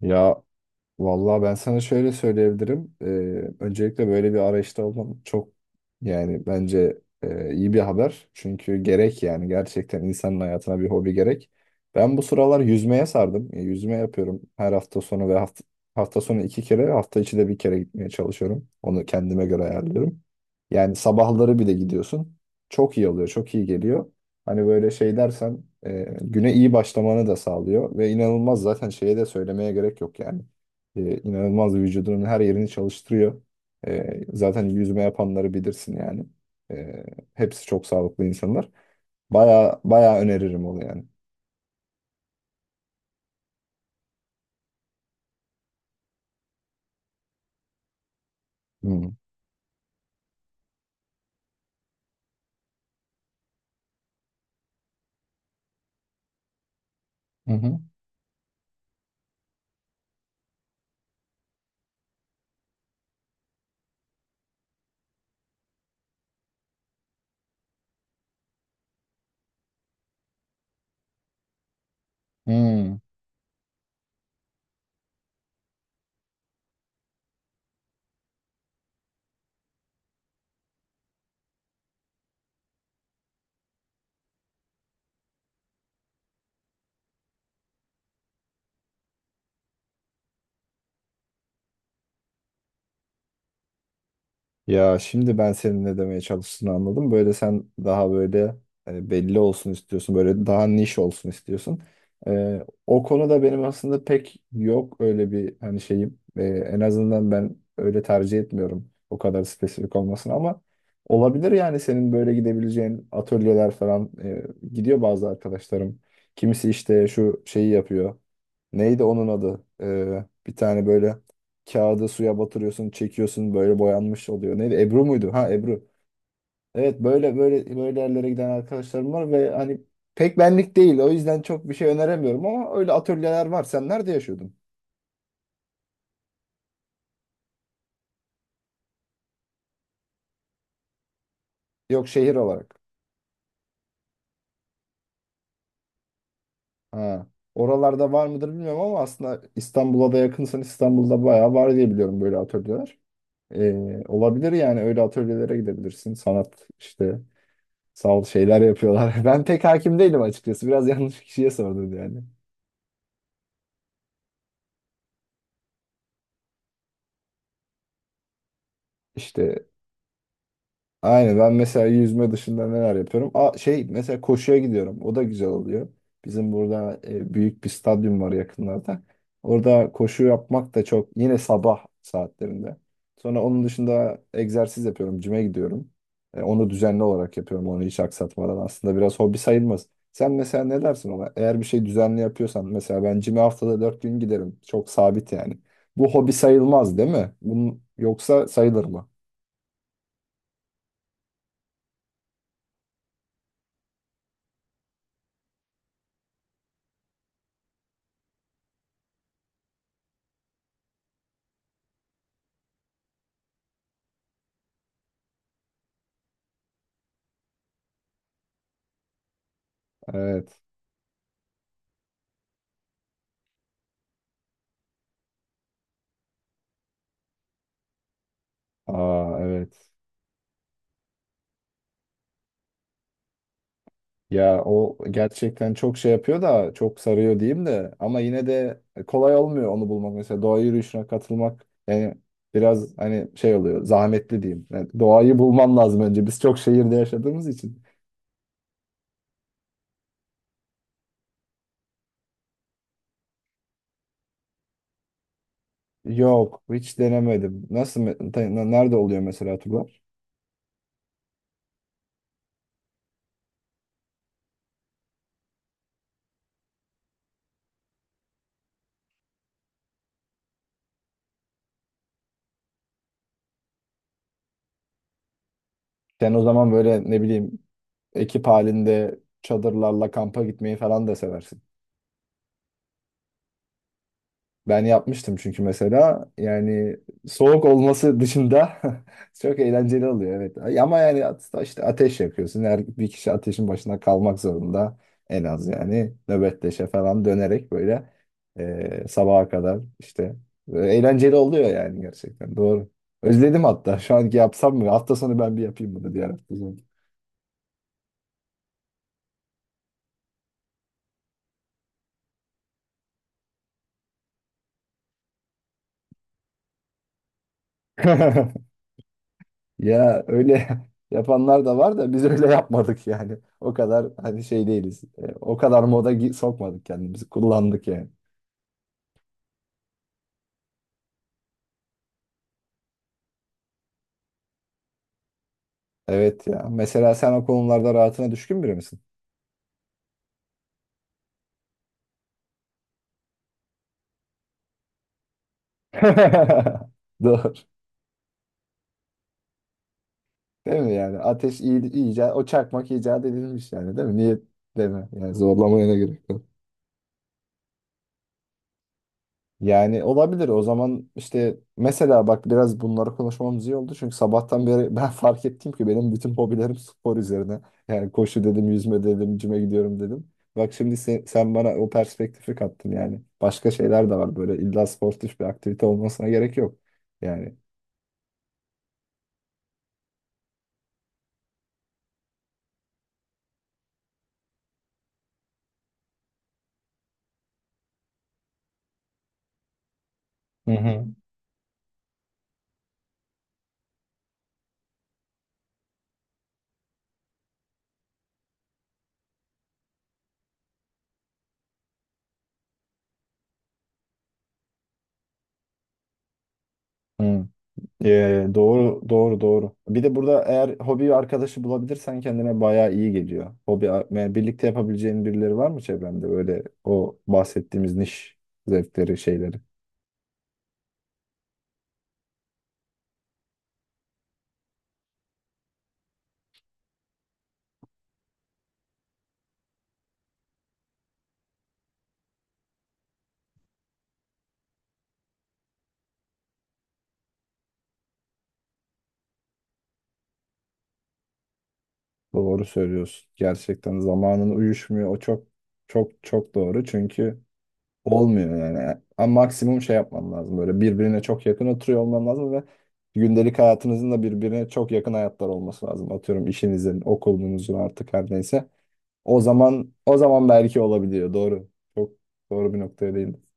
Ya vallahi ben sana şöyle söyleyebilirim. Öncelikle böyle bir arayışta olman çok, yani bence iyi bir haber. Çünkü gerek, yani gerçekten insanın hayatına bir hobi gerek. Ben bu sıralar yüzmeye sardım. Yüzme yapıyorum her hafta sonu ve hafta sonu iki kere, hafta içi de bir kere gitmeye çalışıyorum. Onu kendime göre ayarlıyorum. Yani sabahları bir de gidiyorsun. Çok iyi oluyor, çok iyi geliyor. Hani böyle şey dersen güne iyi başlamanı da sağlıyor ve inanılmaz, zaten şeye de söylemeye gerek yok yani. İnanılmaz vücudunun her yerini çalıştırıyor. Zaten yüzme yapanları bilirsin yani. E, Hepsi çok sağlıklı insanlar. Baya baya öneririm onu yani. Hmm. Hı hı. Hmm. Ya şimdi ben senin ne demeye çalıştığını anladım. Böyle sen daha böyle belli olsun istiyorsun. Böyle daha niş olsun istiyorsun. O konuda benim aslında pek yok öyle bir hani şeyim. En azından ben öyle tercih etmiyorum. O kadar spesifik olmasın ama olabilir yani senin böyle gidebileceğin atölyeler falan, gidiyor bazı arkadaşlarım. Kimisi işte şu şeyi yapıyor. Neydi onun adı? Bir tane böyle kağıdı suya batırıyorsun, çekiyorsun böyle boyanmış oluyor. Neydi? Ebru muydu? Ha, Ebru. Evet, böyle böyle böyle yerlere giden arkadaşlarım var ve hani pek benlik değil. O yüzden çok bir şey öneremiyorum ama öyle atölyeler var. Sen nerede yaşıyordun? Yok, şehir olarak. Ha. Oralarda var mıdır bilmiyorum ama aslında İstanbul'a da yakınsan İstanbul'da bayağı var diye biliyorum böyle atölyeler. Ee, Olabilir yani öyle atölyelere gidebilirsin. Sanat işte, sağ ol, şeyler yapıyorlar. Ben pek hakim değilim açıkçası. Biraz yanlış kişiye sordun yani. İşte, aynen, ben mesela yüzme dışında neler yapıyorum? Aa, şey, mesela koşuya gidiyorum. O da güzel oluyor. Bizim burada büyük bir stadyum var yakınlarda. Orada koşu yapmak da çok, yine sabah saatlerinde. Sonra onun dışında egzersiz yapıyorum. Cime gidiyorum. Onu düzenli olarak yapıyorum. Onu hiç aksatmadan. Aslında biraz hobi sayılmaz. Sen mesela ne dersin ona? Eğer bir şey düzenli yapıyorsan, mesela ben cime haftada 4 gün giderim. Çok sabit yani. Bu hobi sayılmaz değil mi? Bunun, yoksa sayılır mı? Evet. Aa evet. Ya o gerçekten çok şey yapıyor da, çok sarıyor diyeyim de ama yine de kolay olmuyor onu bulmak. Mesela doğa yürüyüşüne katılmak yani biraz hani şey oluyor, zahmetli diyeyim. Yani doğayı bulman lazım önce. Biz çok şehirde yaşadığımız için. Yok, hiç denemedim. Nasıl nerede oluyor mesela turlar? Sen o zaman böyle ne bileyim, ekip halinde çadırlarla kampa gitmeyi falan da seversin. Ben yapmıştım çünkü, mesela yani soğuk olması dışında çok eğlenceli oluyor, evet. Ama yani işte ateş yakıyorsun. Her bir kişi ateşin başına kalmak zorunda en az, yani nöbetleşe falan dönerek böyle sabaha kadar işte. Eğlenceli oluyor yani, gerçekten doğru. Özledim hatta, şu anki yapsam mı? Hafta sonu ben bir yapayım bunu, diğer hafta sonu. Ya öyle yapanlar da var da biz öyle yapmadık yani. O kadar hani şey değiliz. O kadar moda sokmadık kendimizi. Kullandık yani. Evet ya. Mesela sen o konularda rahatına düşkün biri misin? Doğru. Değil mi yani? Ateş iyi, iyice o çakmak icat edilmiş yani değil mi? Niye, değil mi? Yani zorlamaya ne gerek? Yani olabilir o zaman. İşte mesela bak, biraz bunları konuşmamız iyi oldu. Çünkü sabahtan beri ben fark ettim ki benim bütün hobilerim spor üzerine. Yani koşu dedim, yüzme dedim, cime gidiyorum dedim. Bak şimdi sen bana o perspektifi kattın yani. Başka şeyler de var, böyle illa sportif bir aktivite olmasına gerek yok. Yani. Hı hı. Hı. Doğru doğru doğru. Bir de burada eğer hobi arkadaşı bulabilirsen kendine bayağı iyi geliyor. Hobi yani birlikte yapabileceğin birileri var mı çevrende? Böyle o bahsettiğimiz niş zevkleri, şeyleri. Doğru söylüyorsun. Gerçekten zamanın uyuşmuyor. O çok çok çok doğru. Çünkü olmuyor yani. Ama maksimum şey yapman lazım. Böyle birbirine çok yakın oturuyor olman lazım ve gündelik hayatınızın da birbirine çok yakın hayatlar olması lazım. Atıyorum işinizin, okulunuzun, artık her neyse. O zaman, o zaman belki olabiliyor. Doğru. Çok doğru bir noktaya değindin.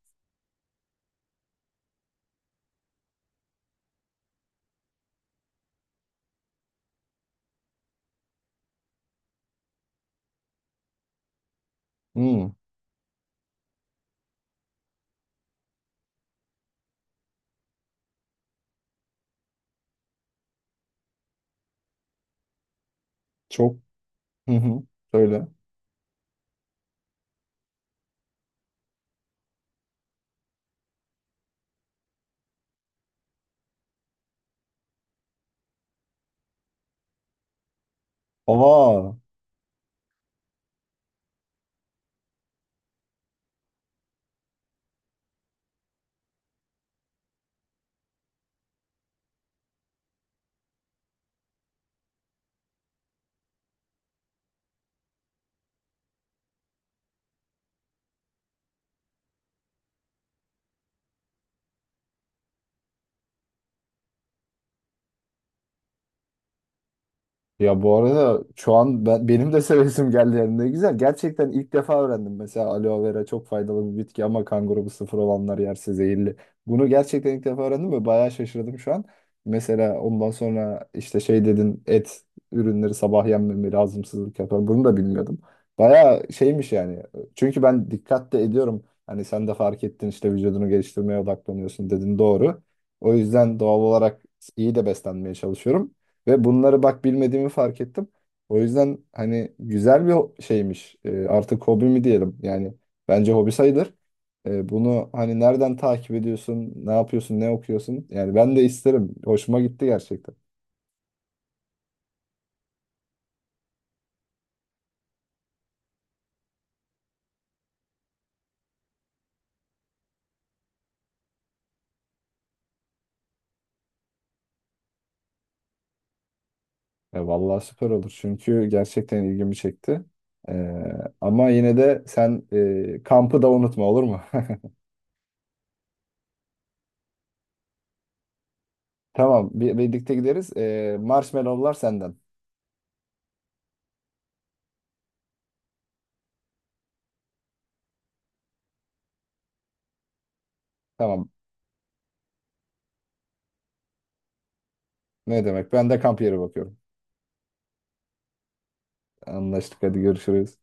Hmm, çok. Hı hı. Söyle. Aa. Ya bu arada şu an ben, benim de sevesim geldi yani, ne güzel. Gerçekten ilk defa öğrendim. Mesela aloe vera çok faydalı bir bitki ama kan grubu sıfır olanlar yerse zehirli. Bunu gerçekten ilk defa öğrendim ve bayağı şaşırdım şu an. Mesela ondan sonra işte şey dedin, et ürünleri sabah yenmemeli, hazımsızlık yapar. Bunu da bilmiyordum. Bayağı şeymiş yani. Çünkü ben dikkat de ediyorum. Hani sen de fark ettin işte, vücudunu geliştirmeye odaklanıyorsun dedin, doğru. O yüzden doğal olarak iyi de beslenmeye çalışıyorum. Ve bunları bak bilmediğimi fark ettim. O yüzden hani güzel bir şeymiş. Artık hobi mi diyelim? Yani bence hobi sayılır. Bunu hani nereden takip ediyorsun? Ne yapıyorsun? Ne okuyorsun? Yani ben de isterim. Hoşuma gitti gerçekten. Ya vallahi süper olur, çünkü gerçekten ilgimi çekti. Ee, Ama yine de sen kampı da unutma, olur mu? Tamam, birlikte gideriz. Marshmallowlar senden. Tamam, ne demek, ben de kamp yeri bakıyorum. Anlaştık, hadi görüşürüz.